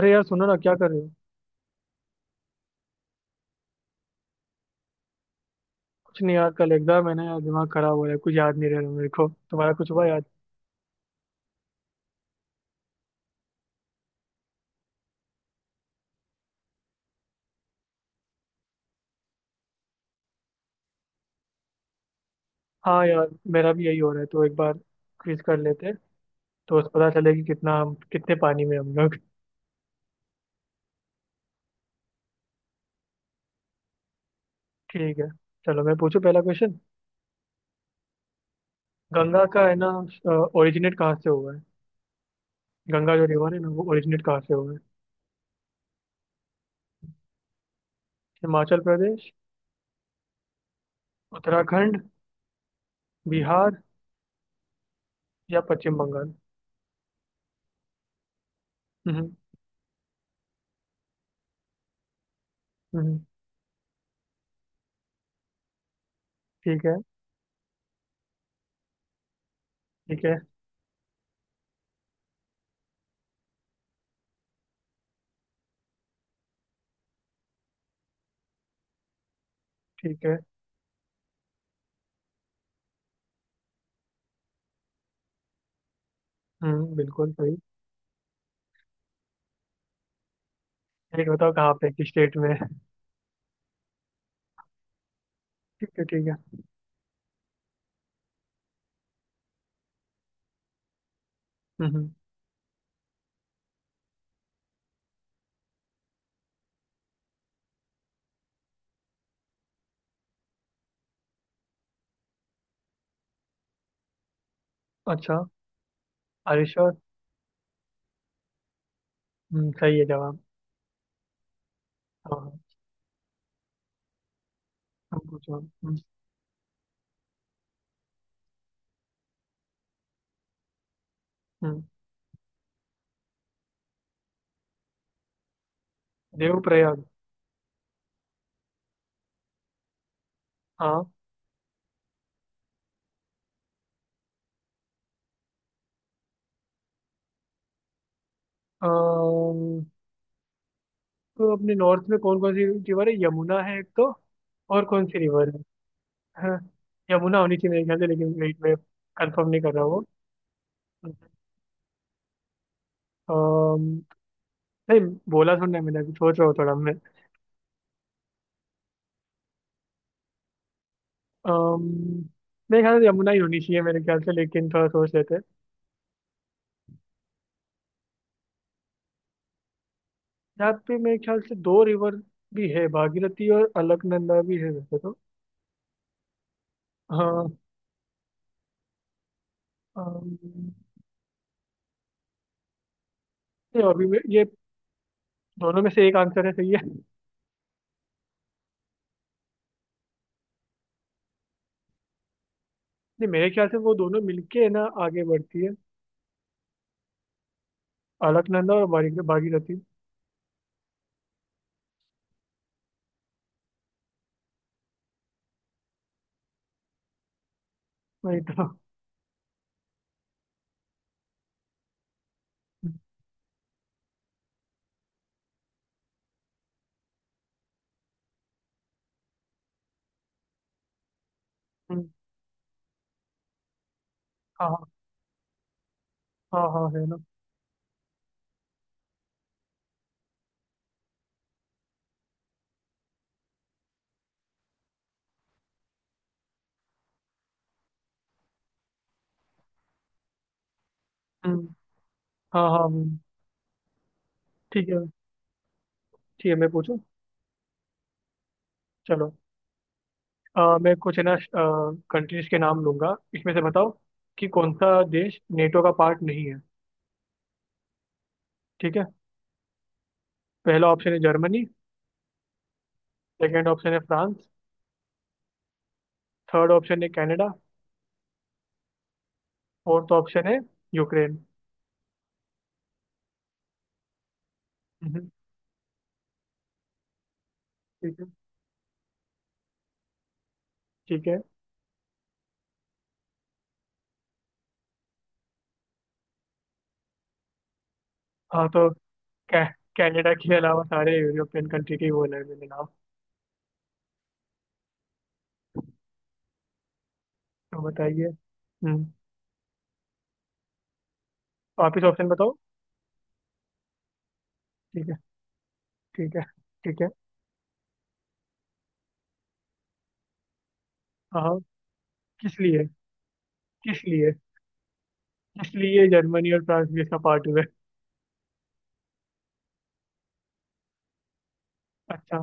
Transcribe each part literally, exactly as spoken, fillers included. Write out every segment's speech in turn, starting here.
अरे यार, सुनो ना, क्या कर रहे हो। कुछ नहीं यार, कल एग्जाम है ना यार, दिमाग खराब हो रहा है, कुछ याद नहीं रह रहा मेरे को। तुम्हारा कुछ हुआ याद? हाँ यार, मेरा भी यही हो रहा है, तो एक बार क्विज कर लेते हैं, तो उस पता चले कि कितना हम, कितने पानी में हम लोग ठीक है, चलो, मैं पूछूं पहला क्वेश्चन। गंगा का है ना, ओरिजिनेट कहाँ से हुआ है? गंगा जो रिवर है ना, वो ओरिजिनेट कहाँ से हुआ है? हिमाचल प्रदेश, उत्तराखंड, बिहार या पश्चिम बंगाल? हम्म, हम्म, ठीक है, ठीक है, ठीक है। हम्म बिल्कुल सही। एक बताओ कहाँ पे, किस स्टेट में है? ठीक है, ठीक है। हम्म। अच्छा। अरे श्योर। हम्म, सही है जवाब। हाँ, हाँ, हम पूछो, हम्म। हम्म, देवप्रयाग। हाँ। अम, तो अपने नॉर्थ में कौन कौन सी रिवर है? यमुना है एक तो, और कौन सी रिवर है? हाँ, यमुना होनी चाहिए मेरे ख्याल से, लेकिन वेट, मैं कंफर्म नहीं कर रहा हूँ। अम, नहीं बोला, सुनना है, मैंने अभी सोच रहा हूँ थोड़ा मैं। अम, मेरे ख्याल से यमुना ही होनी चाहिए मेरे ख्याल से, लेकिन थोड़ा सोच लेते हैं। यहाँ पे मेरे ख्याल से दो रिवर भी है, भागीरथी और अलकनंदा भी है वैसे तो। हाँ। अम, नहीं, अभी मैं ये दोनों में से एक आंसर है, सही है। नहीं मेरे ख्याल से वो दोनों मिलके है ना, आगे बढ़ती है। अलकनंदा और भागी भागीरथी। वही तो। हम्म, हाँ, हाँ, हाँ, हाँ, है ना। हम्म, हाँ, हाँ, हम्म। ठीक है। ठीक है, मैं पूछूं। चलो। अ, मैं कुछ है ना, कंट्रीज के नाम लूंगा, इसमें से बताओ कि कौन सा देश नेटो का पार्ट नहीं है। ठीक है। पहला ऑप्शन है जर्मनी। सेकंड ऑप्शन है फ्रांस। थर्ड ऑप्शन है कनाडा। फोर्थ ऑप्शन है यूक्रेन। हम्म, ठीक है, ठीक है। हाँ तो कै, कनाडा के अलावा सारे यूरोपियन कंट्री के ही बोल रहे हैं मेरे नाम। तो बताइए, हम्म। वापिस ऑप्शन बताओ। ठीक है, ठीक है, ठीक है। हाँ। किस लिए? किस लिए? किस लिए जर्मनी और फ्रांस भी इसका पार्ट हुए? अच्छा।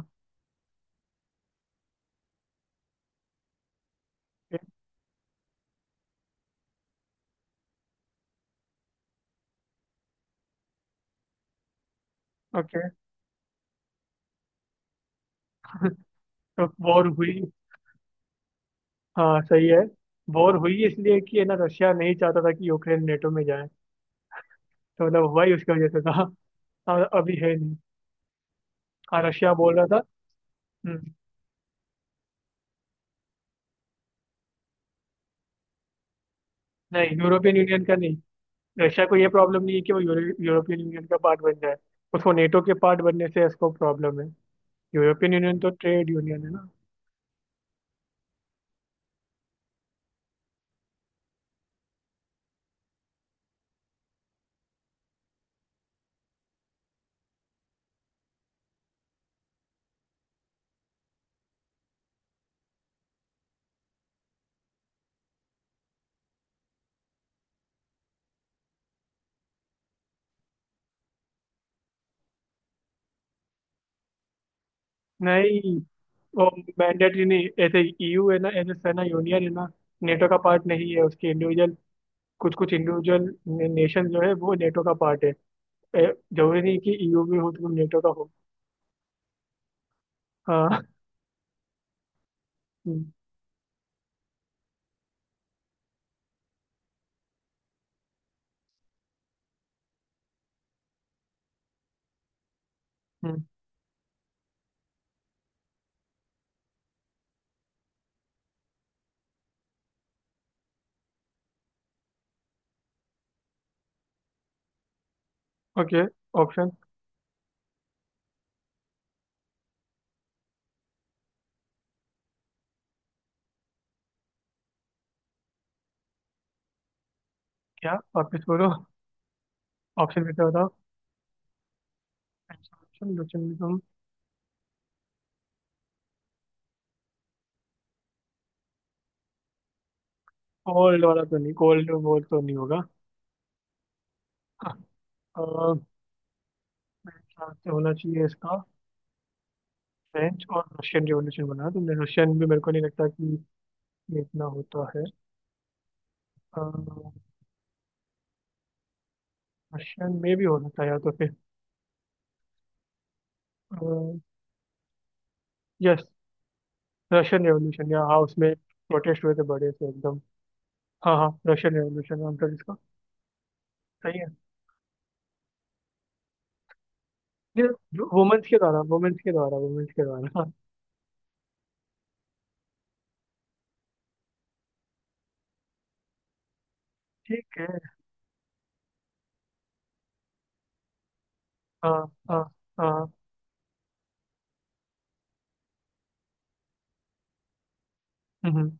ओके। तो वॉर हुई? हाँ सही है। वॉर हुई इसलिए कि है ना, रशिया नहीं चाहता था कि यूक्रेन नेटो में जाए। तो मतलब हुआ ही उसकी वजह से था। हाँ, अभी है नहीं। हाँ, रशिया बोल रहा था। हम्म, नहीं, यूरोपियन यूनियन का नहीं। रशिया को ये प्रॉब्लम नहीं है कि वो यूरो, यूरोपियन यूनियन का पार्ट बन जाए। उसको नेटो के पार्ट बनने से इसको प्रॉब्लम है। यूरोपियन यूनियन तो ट्रेड यूनियन है ना। नहीं, वो मैंडेटरी नहीं, ऐसे ईयू है ना, ऐसे सेना यूनियन है ना, नेटो का पार्ट नहीं है उसके। इंडिविजुअल, कुछ कुछ इंडिविजुअल नेशन जो है वो नेटो का पार्ट है। ए, जरूरी नहीं कि ईयू भी हो तो तुम नेटो का हो। हाँ। ओके। ऑप्शन? क्या, वापस बोलो? ऑप्शन फिर से बताओ। Consumption, consumption. गोल्ड वाला तो नहीं, गोल्ड वोल्ड तो नहीं होगा। अ, मेरे ख्याल से होना चाहिए इसका फ्रेंच और रशियन रिवॉल्यूशन, बनाया तुमने। रशियन भी मेरे को नहीं लगता कि ये इतना होता है। रशियन में भी हो सकता है, या तो फिर यस, रशियन रेवोल्यूशन, या हाँ उसमें प्रोटेस्ट हुए थे बड़े से एकदम। हाँ, हाँ, रशियन रेवोल्यूशन नाम था जिसका। सही है। ये वुमेन्स के द्वारा, वुमेन्स के द्वारा, वुमेन्स के द्वारा, हाँ। ठीक है। हाँ, हाँ, हाँ। हम्म,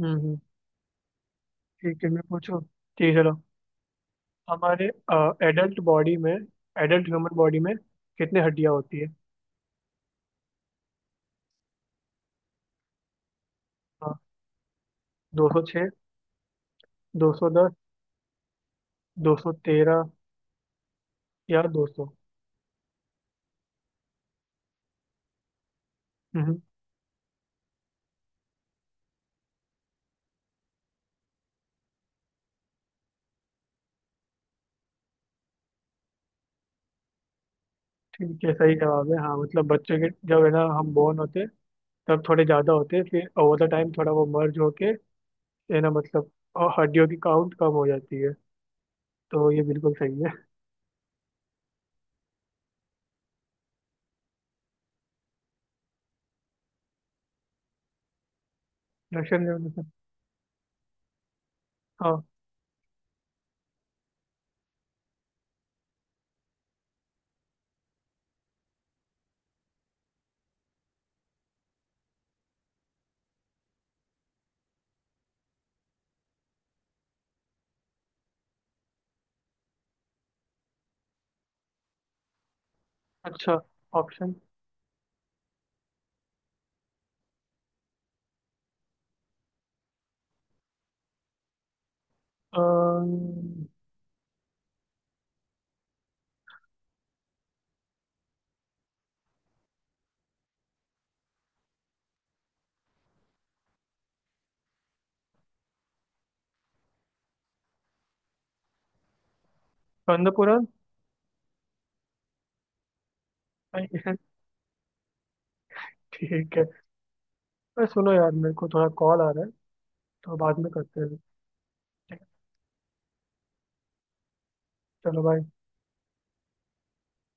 हम्म, हम्म। ठीक है, मैं पूछूं, ठीक है। हमारे एडल्ट बॉडी में, एडल्ट ह्यूमन बॉडी में कितने हड्डियां होती है? हाँ, दो सौ छः, दो सौ दस, दो सौ तेरह या दो सौ? हम्म, ठीक है, सही जवाब है। हाँ मतलब बच्चे के जब है ना, हम बोर्न होते तब थोड़े ज़्यादा होते, फिर ओवर द टाइम थोड़ा वो मर्ज होके है ना मतलब, अ, हड्डियों की काउंट कम हो जाती है। तो ये बिल्कुल सही है। Russian revolution. हाँ। अच्छा। ऑप्शन। स्कंद पुराण। ठीक है। अरे सुनो यार, मेरे को थोड़ा कॉल आ रहा है, तो बाद में करते हैं। चलो बाय।